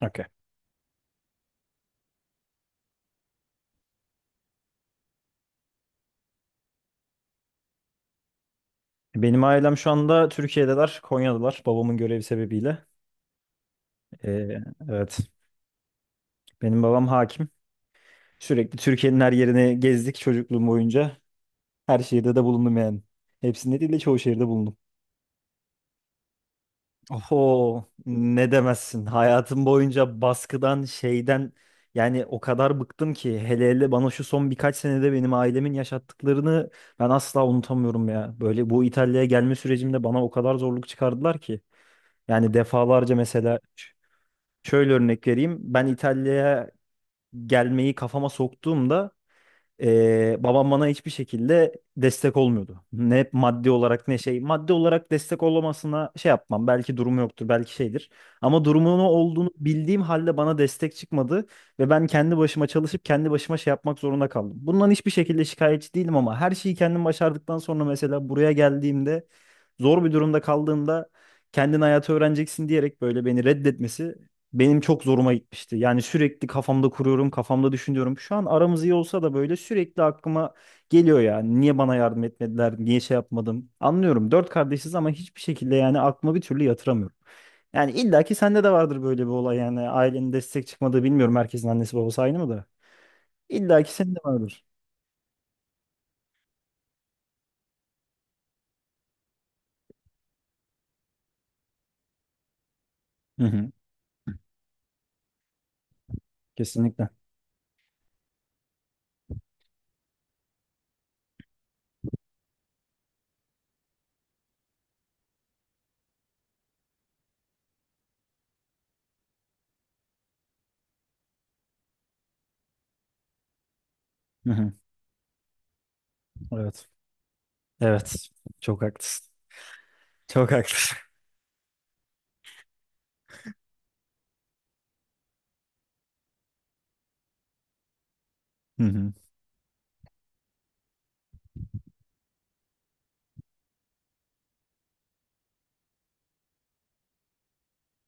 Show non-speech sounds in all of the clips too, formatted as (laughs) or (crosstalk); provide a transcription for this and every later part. Okey. Benim ailem şu anda Türkiye'deler, Konya'dalar babamın görevi sebebiyle. Ee, evet, benim babam hakim. Sürekli Türkiye'nin her yerini gezdik çocukluğum boyunca. Her şehirde de bulundum yani. Hepsinde değil de çoğu şehirde bulundum. Oho, ne demezsin. Hayatım boyunca baskıdan, şeyden yani o kadar bıktım ki hele hele bana şu son birkaç senede benim ailemin yaşattıklarını ben asla unutamıyorum ya. Böyle bu İtalya'ya gelme sürecimde bana o kadar zorluk çıkardılar ki. Yani defalarca mesela şöyle örnek vereyim. Ben İtalya'ya gelmeyi kafama soktuğumda babam bana hiçbir şekilde destek olmuyordu. Ne maddi olarak ne şey. Maddi olarak destek olmasına şey yapmam. Belki durumu yoktur, belki şeydir. Ama durumunu olduğunu bildiğim halde bana destek çıkmadı. Ve ben kendi başıma çalışıp kendi başıma şey yapmak zorunda kaldım. Bundan hiçbir şekilde şikayetçi değilim ama her şeyi kendim başardıktan sonra mesela buraya geldiğimde zor bir durumda kaldığımda kendin hayatı öğreneceksin diyerek böyle beni reddetmesi benim çok zoruma gitmişti. Yani sürekli kafamda kuruyorum, kafamda düşünüyorum. Şu an aramız iyi olsa da böyle sürekli aklıma geliyor yani. Niye bana yardım etmediler, niye şey yapmadım. Anlıyorum. Dört kardeşiz ama hiçbir şekilde yani aklıma bir türlü yatıramıyorum. Yani illa ki sende de vardır böyle bir olay yani. Ailenin destek çıkmadığı bilmiyorum. Herkesin annesi babası aynı mı da? İlla ki senin de vardır. Hı hı. Kesinlikle. Hı hı. Evet. Evet. Çok haklısın. Çok haklısın. Hı hı.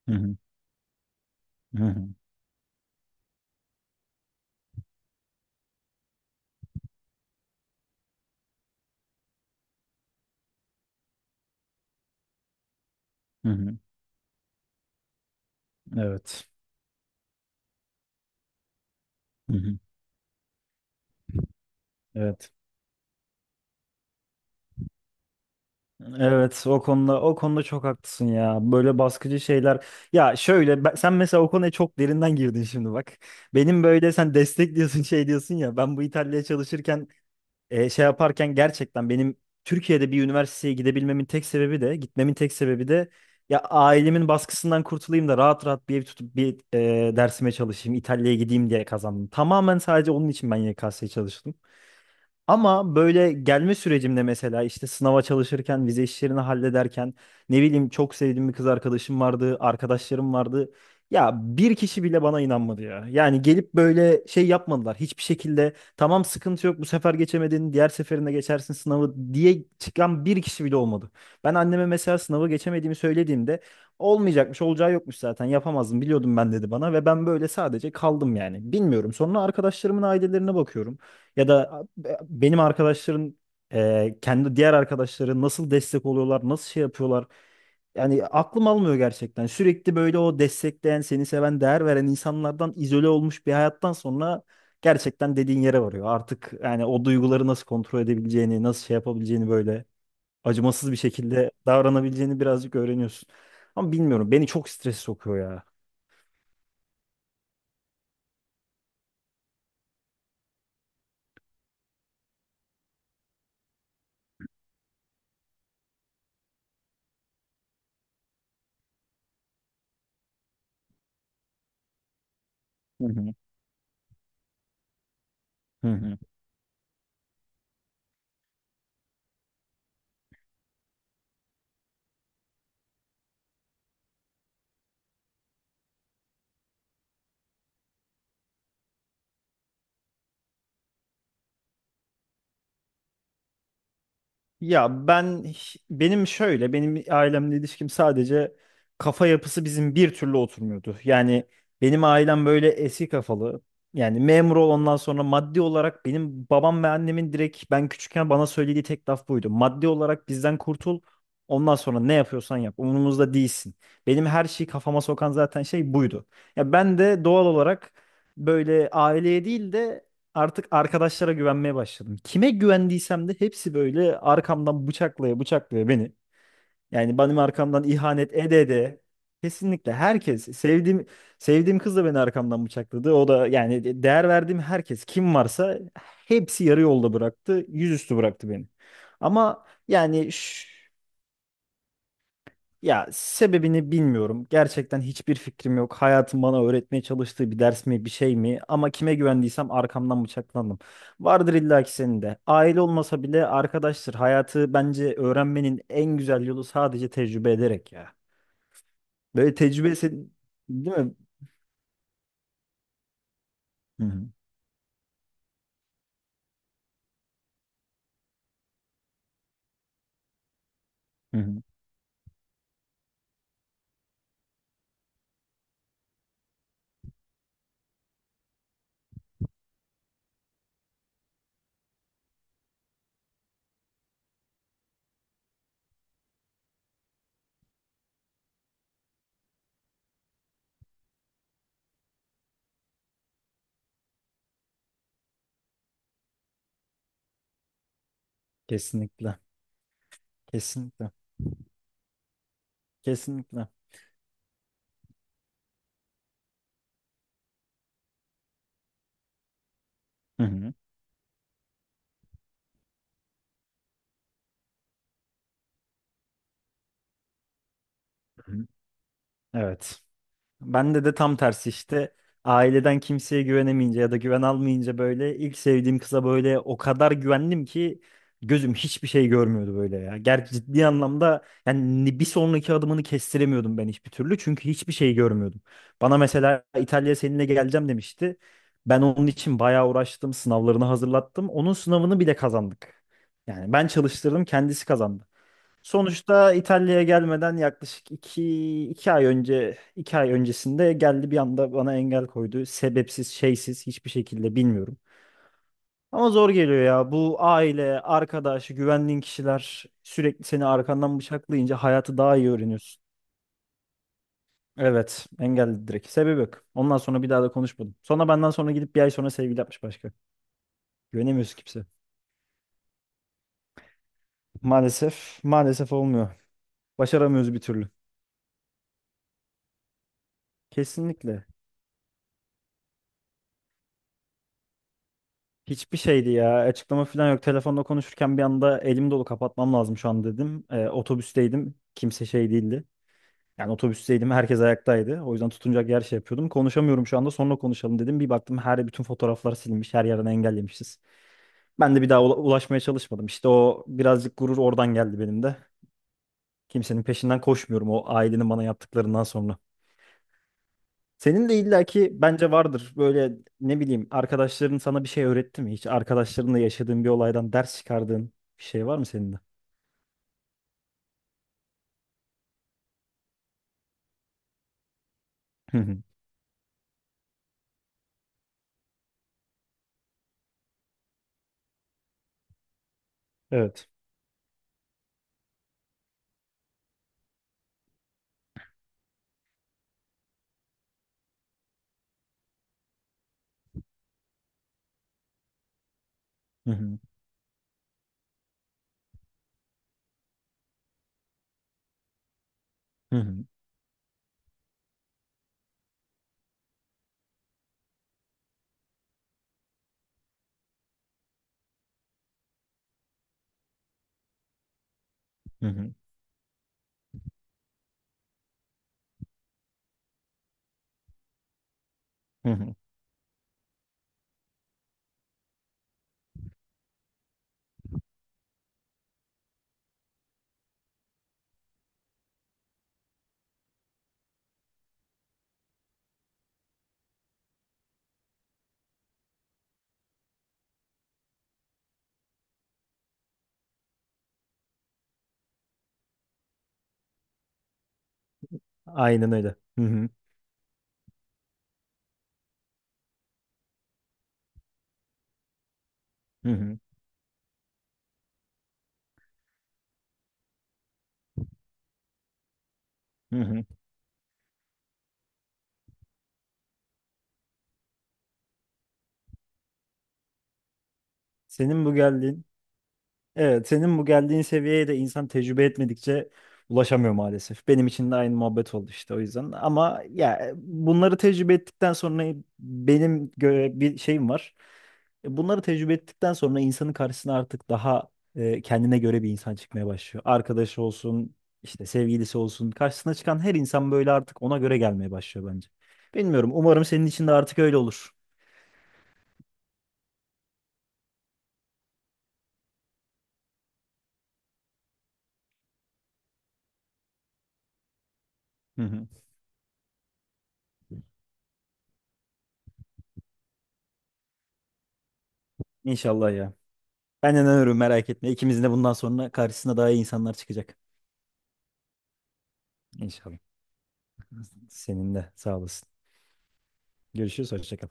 Hı hı. Hı hı. Hı hı. Evet. Hı hı. Evet. Evet, o konuda o konuda çok haklısın ya. Böyle baskıcı şeyler. Ya şöyle sen mesela o konuya çok derinden girdin şimdi bak. Benim böyle sen destek diyorsun (laughs) şey diyorsun ya. Ben bu İtalya'ya çalışırken şey yaparken gerçekten benim Türkiye'de bir üniversiteye gidebilmemin tek sebebi de gitmemin tek sebebi de ya ailemin baskısından kurtulayım da rahat rahat bir ev tutup bir dersime çalışayım İtalya'ya gideyim diye kazandım. Tamamen sadece onun için ben YKS'ye çalıştım. Ama böyle gelme sürecimde mesela işte sınava çalışırken, vize işlerini hallederken ne bileyim çok sevdiğim bir kız arkadaşım vardı, arkadaşlarım vardı. Ya bir kişi bile bana inanmadı ya. Yani gelip böyle şey yapmadılar. Hiçbir şekilde tamam sıkıntı yok bu sefer geçemedin, diğer seferinde geçersin sınavı diye çıkan bir kişi bile olmadı. Ben anneme mesela sınavı geçemediğimi söylediğimde olmayacakmış, olacağı yokmuş zaten yapamazdım biliyordum ben dedi bana ve ben böyle sadece kaldım yani. Bilmiyorum. Sonra arkadaşlarımın ailelerine bakıyorum. Ya da benim arkadaşların kendi diğer arkadaşları nasıl destek oluyorlar, nasıl şey yapıyorlar. Yani aklım almıyor gerçekten. Sürekli böyle o destekleyen, seni seven, değer veren insanlardan izole olmuş bir hayattan sonra gerçekten dediğin yere varıyor. Artık yani o duyguları nasıl kontrol edebileceğini, nasıl şey yapabileceğini böyle acımasız bir şekilde davranabileceğini birazcık öğreniyorsun. Ama bilmiyorum beni çok strese sokuyor ya. Hı hı. Hı hı. Ya ben benim şöyle benim ailemle ilişkim sadece kafa yapısı bizim bir türlü oturmuyordu. Yani benim ailem böyle eski kafalı. Yani memur ol ondan sonra maddi olarak benim babam ve annemin direkt ben küçükken bana söylediği tek laf buydu. Maddi olarak bizden kurtul. Ondan sonra ne yapıyorsan yap. Umurumuzda değilsin. Benim her şeyi kafama sokan zaten şey buydu. Ya ben de doğal olarak böyle aileye değil de artık arkadaşlara güvenmeye başladım. Kime güvendiysem de hepsi böyle arkamdan bıçaklaya bıçaklaya beni. Yani benim arkamdan ihanet ede ede. Kesinlikle herkes sevdiğim kız da beni arkamdan bıçakladı. O da yani değer verdiğim herkes kim varsa hepsi yarı yolda bıraktı. Yüzüstü bıraktı beni. Ama yani ya sebebini bilmiyorum. Gerçekten hiçbir fikrim yok. Hayatım bana öğretmeye çalıştığı bir ders mi, bir şey mi? Ama kime güvendiysem arkamdan bıçaklandım. Vardır illaki senin de. Aile olmasa bile arkadaştır. Hayatı bence öğrenmenin en güzel yolu sadece tecrübe ederek ya. Böyle tecrübesi değil mi? Hı hı. Hı hı. Kesinlikle. Kesinlikle. Kesinlikle. Hı hı. Hı hı. Evet. Bende de tam tersi işte. Aileden kimseye güvenemeyince ya da güven almayınca böyle ilk sevdiğim kıza böyle o kadar güvendim ki gözüm hiçbir şey görmüyordu böyle ya. Gerçi ciddi anlamda yani bir sonraki adımını kestiremiyordum ben hiçbir türlü çünkü hiçbir şey görmüyordum. Bana mesela İtalya seninle geleceğim demişti. Ben onun için bayağı uğraştım, sınavlarını hazırlattım. Onun sınavını bile kazandık. Yani ben çalıştırdım, kendisi kazandı. Sonuçta İtalya'ya gelmeden yaklaşık iki ay önce iki ay öncesinde geldi bir anda bana engel koydu. Sebepsiz, şeysiz hiçbir şekilde bilmiyorum. Ama zor geliyor ya. Bu aile, arkadaş, güvendiğin kişiler sürekli seni arkandan bıçaklayınca hayatı daha iyi öğreniyorsun. Evet, engelledi direkt. Sebebi yok. Ondan sonra bir daha da konuşmadım. Sonra benden sonra gidip bir ay sonra sevgili yapmış başka. Güvenemiyoruz kimse. Maalesef, olmuyor. Başaramıyoruz bir türlü. Kesinlikle. Hiçbir şeydi ya. Açıklama falan yok. Telefonda konuşurken bir anda elim dolu kapatmam lazım şu an dedim. Otobüsteydim. Kimse şey değildi. Yani otobüsteydim. Herkes ayaktaydı. O yüzden tutunacak yer şey yapıyordum. Konuşamıyorum şu anda. Sonra konuşalım dedim. Bir baktım her bütün fotoğraflar silinmiş. Her yerden engellemişiz. Ben de bir daha ulaşmaya çalışmadım. İşte o birazcık gurur oradan geldi benim de. Kimsenin peşinden koşmuyorum o ailenin bana yaptıklarından sonra. Senin de illaki bence vardır böyle ne bileyim arkadaşların sana bir şey öğretti mi? Hiç arkadaşlarınla yaşadığın bir olaydan ders çıkardığın bir şey var mı senin de? Hı hı. Evet. Hı hı. Hı hı. Hı hı. Hı hı. Aynen öyle. Hı hı. Hı hı. Hı hı. Senin bu geldiğin Evet, senin bu geldiğin seviyeye de insan tecrübe etmedikçe ulaşamıyor maalesef. Benim için de aynı muhabbet oldu işte o yüzden. Ama ya bunları tecrübe ettikten sonra benim gö- bir şeyim var. E, bunları tecrübe ettikten sonra insanın karşısına artık daha kendine göre bir insan çıkmaya başlıyor. Arkadaşı olsun, işte sevgilisi olsun. Karşısına çıkan her insan böyle artık ona göre gelmeye başlıyor bence. Bilmiyorum. Umarım senin için de artık öyle olur. Hı hı. İnşallah ya. Ben inanıyorum merak etme. İkimizin de bundan sonra karşısına daha iyi insanlar çıkacak. İnşallah. Senin de sağ olasın. Görüşürüz. Hoşça kal.